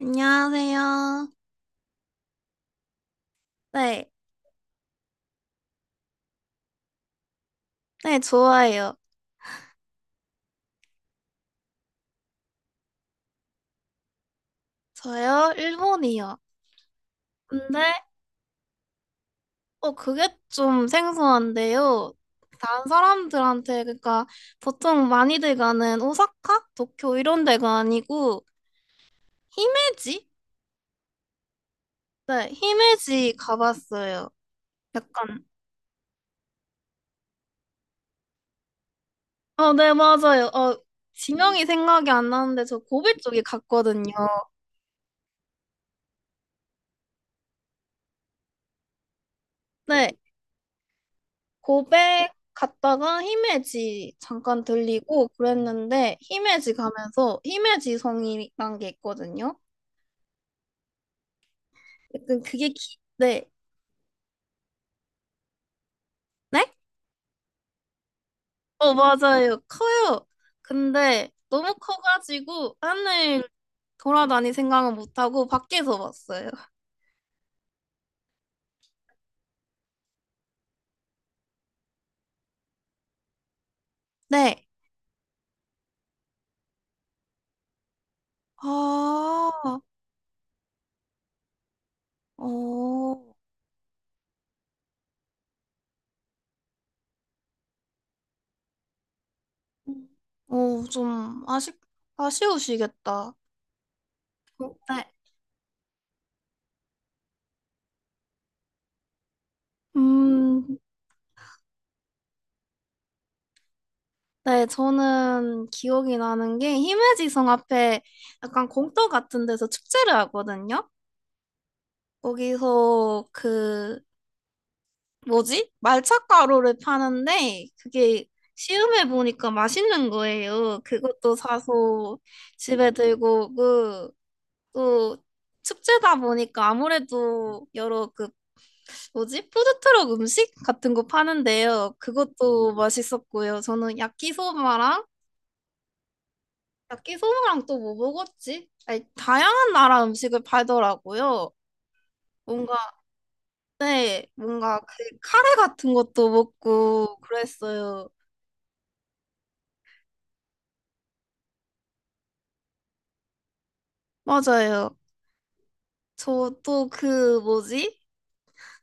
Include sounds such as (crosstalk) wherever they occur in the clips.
안녕하세요. 네, 네, 좋아요. 저요? 일본이요. 근데, 어, 그게 좀 생소한데요. 다른 사람들한테, 그러니까, 보통 많이들 가는 오사카? 도쿄 이런 데가 아니고, 히메지? 네, 히메지 가봤어요. 약간, 어, 네, 맞아요. 어, 지명이 생각이 안 나는데, 저 고베 쪽에 갔거든요. 네, 고백 갔다가 히메지 잠깐 들리고 그랬는데 히메지 가면서 히메지 성이란 게 있거든요. 약간 그게 네. 네? 어, 맞아요. 커요. 근데 너무 커가지고 안을 돌아다닐 생각은 못하고 밖에서 봤어요. 네. 아, 어, 어, 아쉬우시겠다. 네. 음, 네, 저는 기억이 나는 게 히메지성 앞에 약간 공터 같은 데서 축제를 하거든요. 거기서 그 뭐지? 말차가루를 파는데 그게 시음해 보니까 맛있는 거예요. 그것도 사서 집에 들고 오고 또 축제다 보니까 아무래도 여러 그 뭐지? 푸드트럭 음식 같은 거 파는데요. 그것도 맛있었고요. 저는 야키소바랑 야끼소바랑 또 뭐 먹었지? 아니, 다양한 나라 음식을 팔더라고요. 뭔가, 네, 뭔가 그 카레 같은 것도 먹고 그랬어요. 맞아요. 저 또 그 뭐지?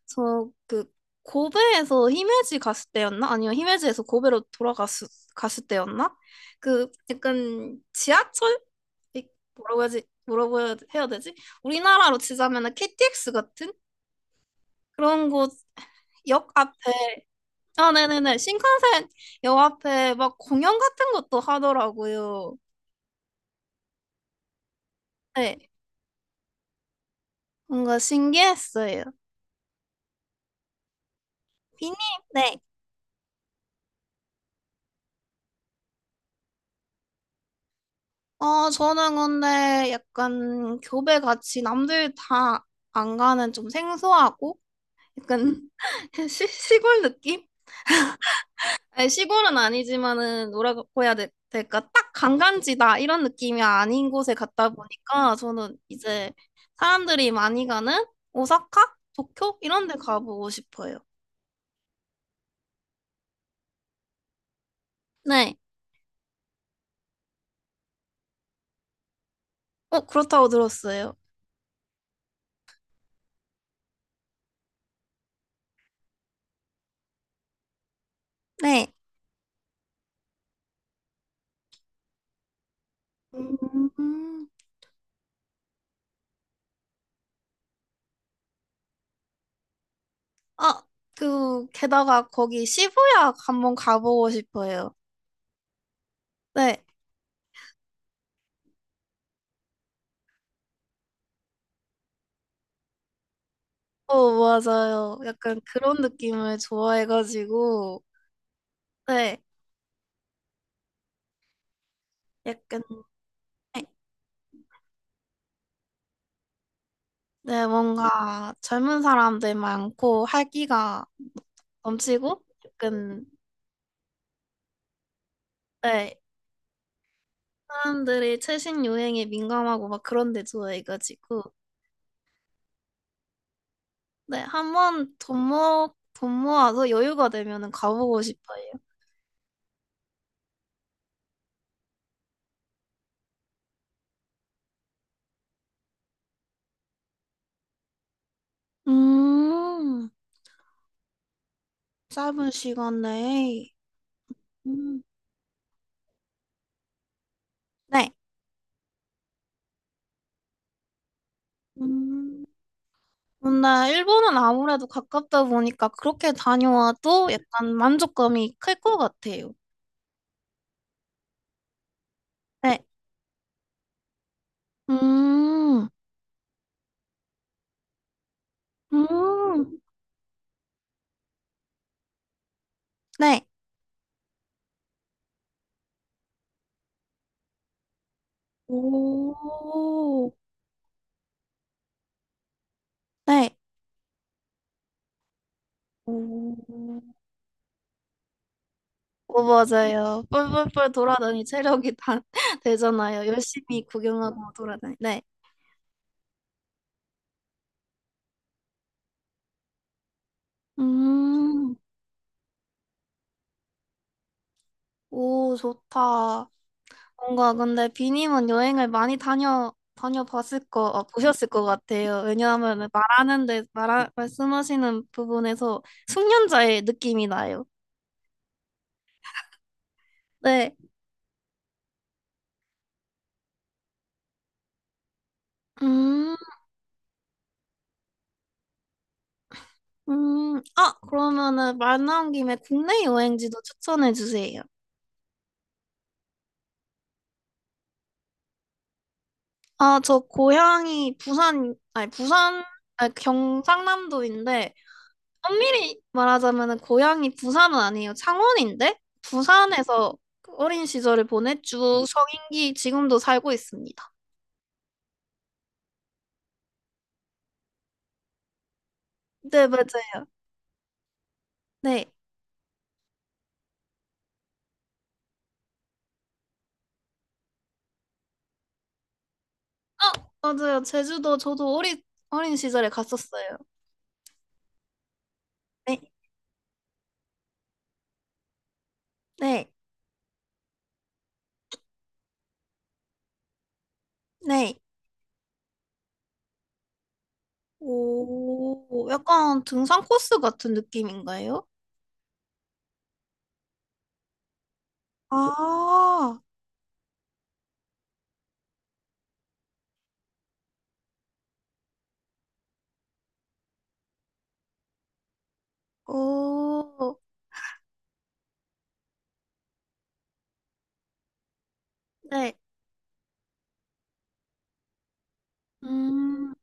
저 그 고베에서 히메지 갔을 때였나? 아니요, 히메지에서 고베로 돌아갔을 갔을 때였나? 그 약간 지하철? 이- 뭐라고 해야지? 뭐라고 해야 되지? 우리나라로 치자면 KTX 같은 그런 곳 역 앞에 아, 네네네. 신칸센 역 앞에 막 공연 같은 것도 하더라고요. 네. 뭔가 신기했어요. 비님, 네. 어, 저는 근데 약간 교배 같이 남들 다 안 가는 좀 생소하고 약간 (laughs) 시골 느낌? 아니, 시골은 아니지만은 뭐라고 해야 될, 까딱 관광지다 이런 느낌이 아닌 곳에 갔다 보니까 저는 이제 사람들이 많이 가는 오사카? 도쿄? 이런 데 가보고 싶어요. 네. 어, 그렇다고 들었어요. 네. 음. 아, 그, 게다가 거기 시부야 한번 가보고 싶어요. 네. 어, 맞아요. 약간 그런 느낌을 좋아해가지고, 네. 약간, 네. 네, 뭔가 젊은 사람들 많고 활기가 넘치고, 약간, 네. 사람들이 최신 유행에 민감하고 막 그런 데 좋아해가지고, 네. 한번 돈 모아서 여유가 되면은 가보고 싶어요. 음, 짧은 시간 내에. 음, 네. 음. 근데 일본은 아무래도 가깝다 보니까 그렇게 다녀와도 약간 만족감이 클 것 같아요. 네. 음, 음, 네. 오, 네. 오, 오, 맞아요. 뿔뿔뿔 돌아다니 체력이 다 (laughs) 되잖아요. 열심히 구경하고 돌아다니. 네. 음, 오, 좋다. 뭔가 근데 비님은 여행을 많이 다녀봤을 거 아, 보셨을 것 같아요. 왜냐하면 말하는데 말씀하시는 부분에서 숙련자의 느낌이 나요. 네. 음, 아, 그러면은 말 나온 김에 국내 여행지도 추천해 주세요. 아, 저 고향이 부산, 아니 부산, 아니 경상남도인데 엄밀히 말하자면 고향이 부산은 아니에요. 창원인데 부산에서 그 어린 시절을 보냈쭉 성인기 지금도 살고 있습니다. 네, 맞아요. 네. 어, 맞아요. 제주도 저도 어린 시절에 갔었어요. 네. 네. 네. 오, 약간 등산 코스 같은 느낌인가요? 아, 오, 네. 음,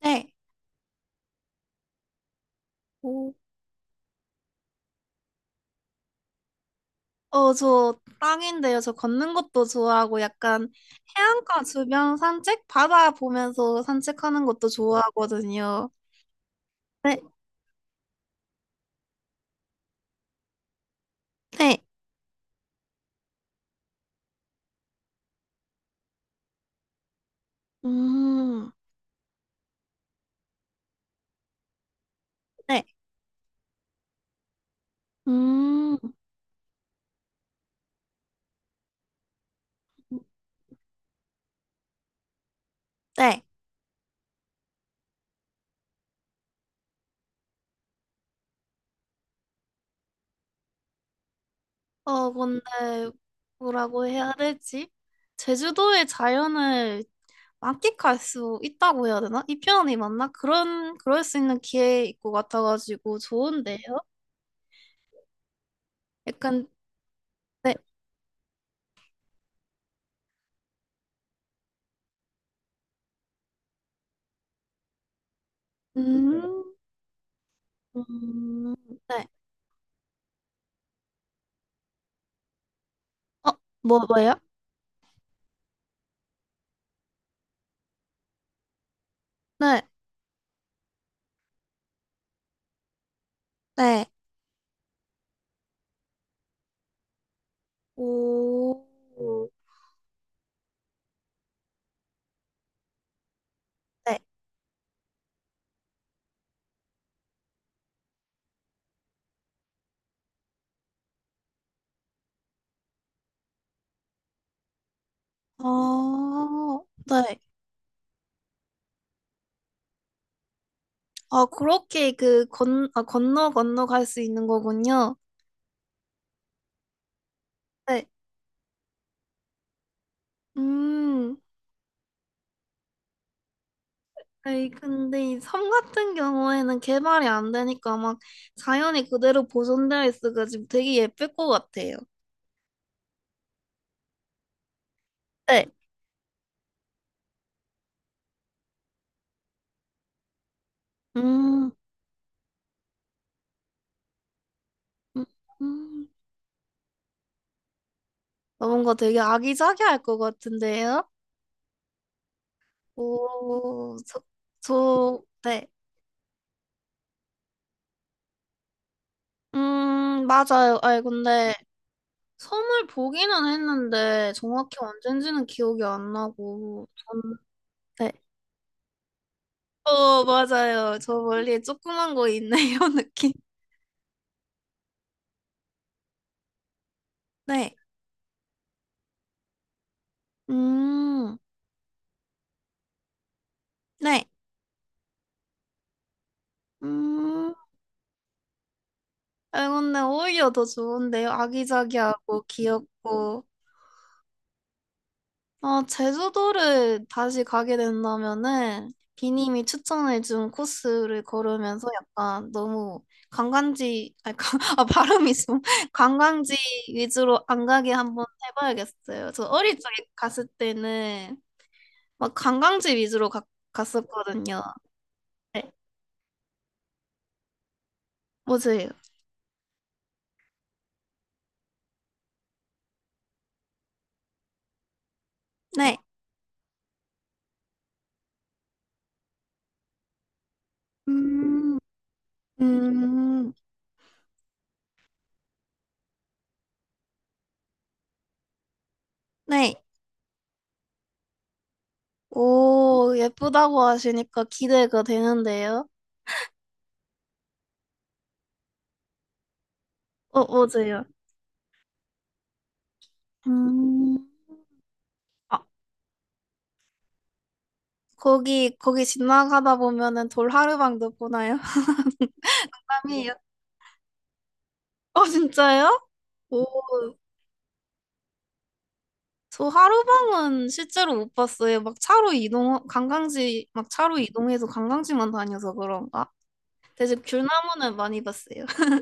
네. 오. 어, 저 땅인데요. 저 걷는 것도 좋아하고 약간 해안가 주변 산책? 바다 보면서 산책하는 것도 좋아하거든요. 네, 네. 음, 네. 음, 네. 어, 근데 뭐라고 해야 되지? 제주도의 자연을 만끽할 수 있다고 해야 되나? 이 표현이 맞나? 그런, 그럴 수 있는 기회 있고 같아가지고 좋은데요? 약간, 네. 음, 음, 네. 어, 뭐, 뭐요? 네, 네. 오, 네. 아, 네. 아, 그렇게 그 건, 아, 건너 건너 갈 수 있는 거군요. 네. 음. 아니, 근데 이 섬 같은 경우에는 개발이 안 되니까 막 자연이 그대로 보존되어 있어가지고 되게 예쁠 것 같아요. 네. 음, 음, 음. 어, 뭔가 되게 아기자기할 것 같은데요? 오, 저, 저, 네. 맞아요. 아니, 근데 선물 보기는 했는데 정확히 언젠지는 기억이 안 나고 전 네. 어, 맞아요. 저 멀리에 조그만 거 있네요, (laughs) 느낌. 네. 음. 네. 음. 아, 근데 오히려 더 좋은데요. 아기자기하고 귀엽고 아, 제주도를 다시 가게 된다면은 비님이 추천해준 코스를 걸으면서 약간 너무 관광지, 아니, 관- (laughs) 아, 발음이 좀 (laughs) 관광지 위주로 안 가게 한번 해봐야겠어요. 저 어릴 적에 갔을 때는 막 갔었거든요. 네, 뭐세요 네. 음, 음, 네. 오, 예쁘다고 하시니까 기대가 되는데요. 어, 뭐세요 음. 거기 거기 지나가다 보면은 돌 하루방도 보나요? (laughs) 사람이에요. 어 진짜요? 오, 저 하루방은 실제로 못 봤어요. 막 차로 이동 관광지 막 차로 이동해서 관광지만 다녀서 그런가? 대신 귤나무는 많이 봤어요. (laughs)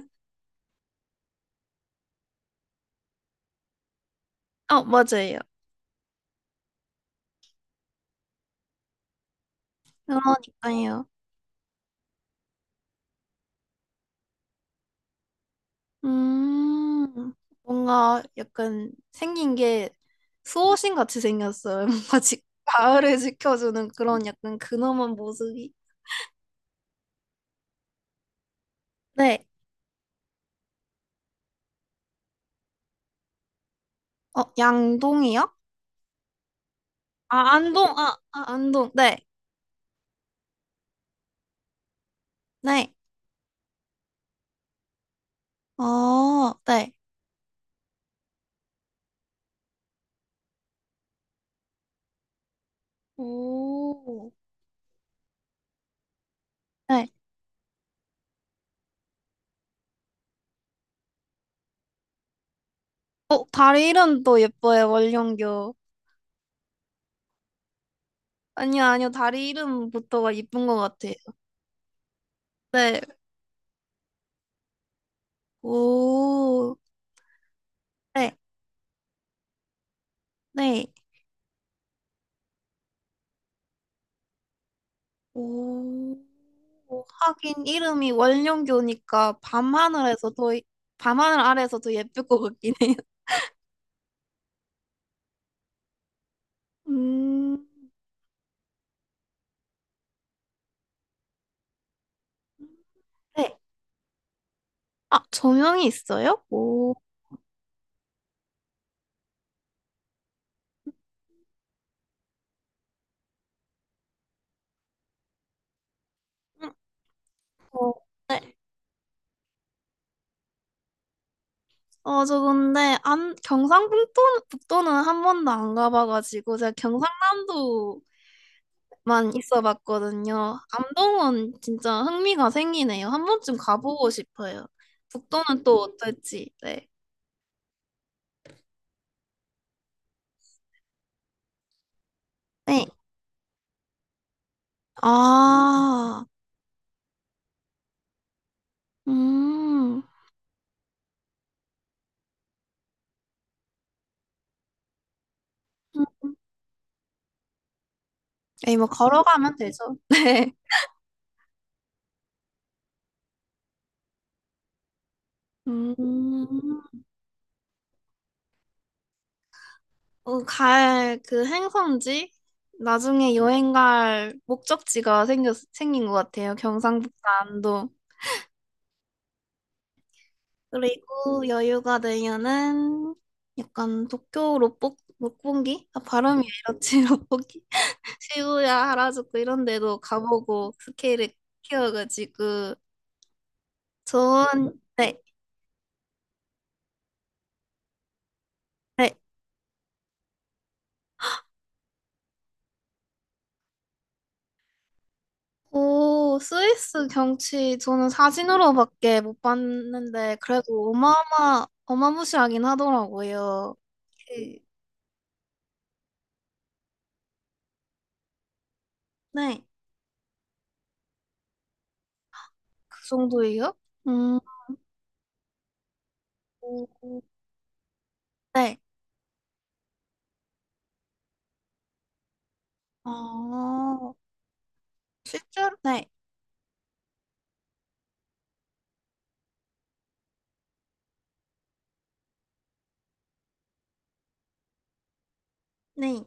어 맞아요. 그러니까요. 음 뭔가 약간 생긴 게 수호신 같이 생겼어요. (laughs) 뭔가 지, 마을을 지켜주는 그런 약간 근엄한 모습이. 네. 어 양동이요? 아, 안동, 아, 아, 안동. 네, 네. 어, 네, 오, 네. 어, 다리 이름도 예뻐요, 원룡교 아니요, 아니요, 다리 이름부터가 예쁜 것 같아요. 네, 오, 네, 네, 오. 하긴 이름이 원룡교니까 밤하늘에서 더, 밤하늘 아래서 더 예쁠 것 같긴 해요. (laughs) 음, 네. 아, 조명이 있어요? 오, 음, 어, 네. 어, 저 근데 안 경상북도는 북도는 한 번도 안 가봐가지고 제가 경상남도만 있어봤거든요. 암동은 진짜 흥미가 생기네요. 한 번쯤 가보고 싶어요. 북도는 또 어떨지. 네. 네. 아, 음. 에이, 뭐 걸어가면 되죠. (laughs) 네. 음. 어, 갈 그 행성지 나중에 여행 갈 목적지가 생겼 생긴 것 같아요. 경상북도 안동. 그리고 여유가 되면은 약간 도쿄 롯복 롯본기? 아, 발음이 이렇지 (laughs) 롯본기? 시부야, 하라주쿠 이런 데도 가보고 스케일을 키워가지고 좋은 네, 네. 오, 스위스 경치 저는 사진으로밖에 못 봤는데 그래도 어마어마 어마무시하긴 하더라고요. 그, 네, 그 정도예요? 음, 네. 아, 실제로 네, 네.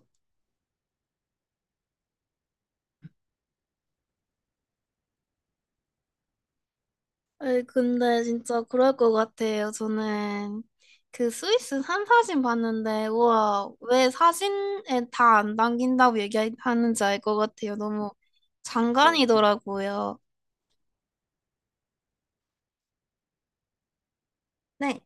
아니, 근데 진짜 그럴 것 같아요. 저는 그 스위스 산 사진 봤는데, 우와, 왜 사진에 다 안 담긴다고 얘기하는지 알 것 같아요. 너무 장관이더라고요. 네.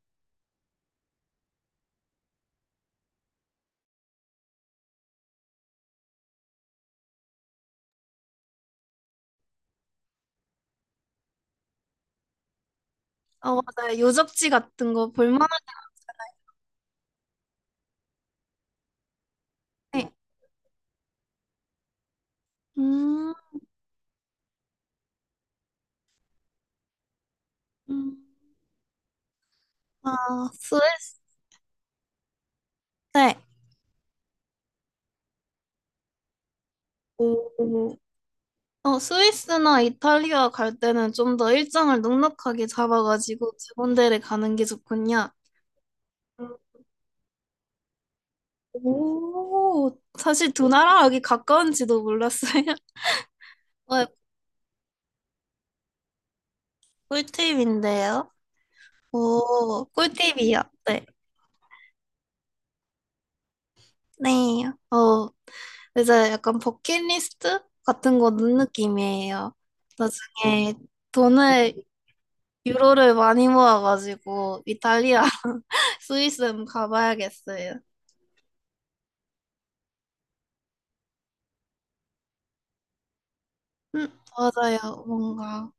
어, 맞아요. 유적지 같은 거 네. 볼만하게. 음, 음. 아, 스위스. 네. 오. 어, 스위스나 이탈리아 갈 때는 좀 더 일정을 넉넉하게 잡아가지고 두 군데를 가는 게 좋군요. 오, 사실 두 나라 여기 가까운지도 몰랐어요. (laughs) 어, 꿀팁인데요. 오, 꿀팁이요. 네. 네. 어, 이제 약간 버킷리스트 같은 거 넣은 느낌이에요. 나중에 돈을, 유로를 많이 모아가지고 이탈리아, (laughs) 스위스 한번 가봐야겠어요. 음, 맞아요. 뭔가.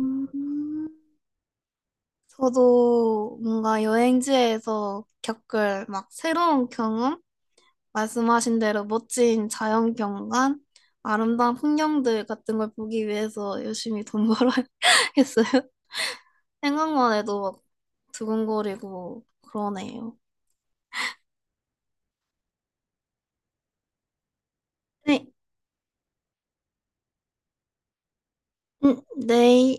음, 저도 뭔가 여행지에서 겪을 막 새로운 경험? 말씀하신 대로 멋진 자연 경관, 아름다운 풍경들 같은 걸 보기 위해서 열심히 돈 벌어야 (laughs) 했어요. 생각만 해도 막 두근거리고 그러네요. 네, 음, 네.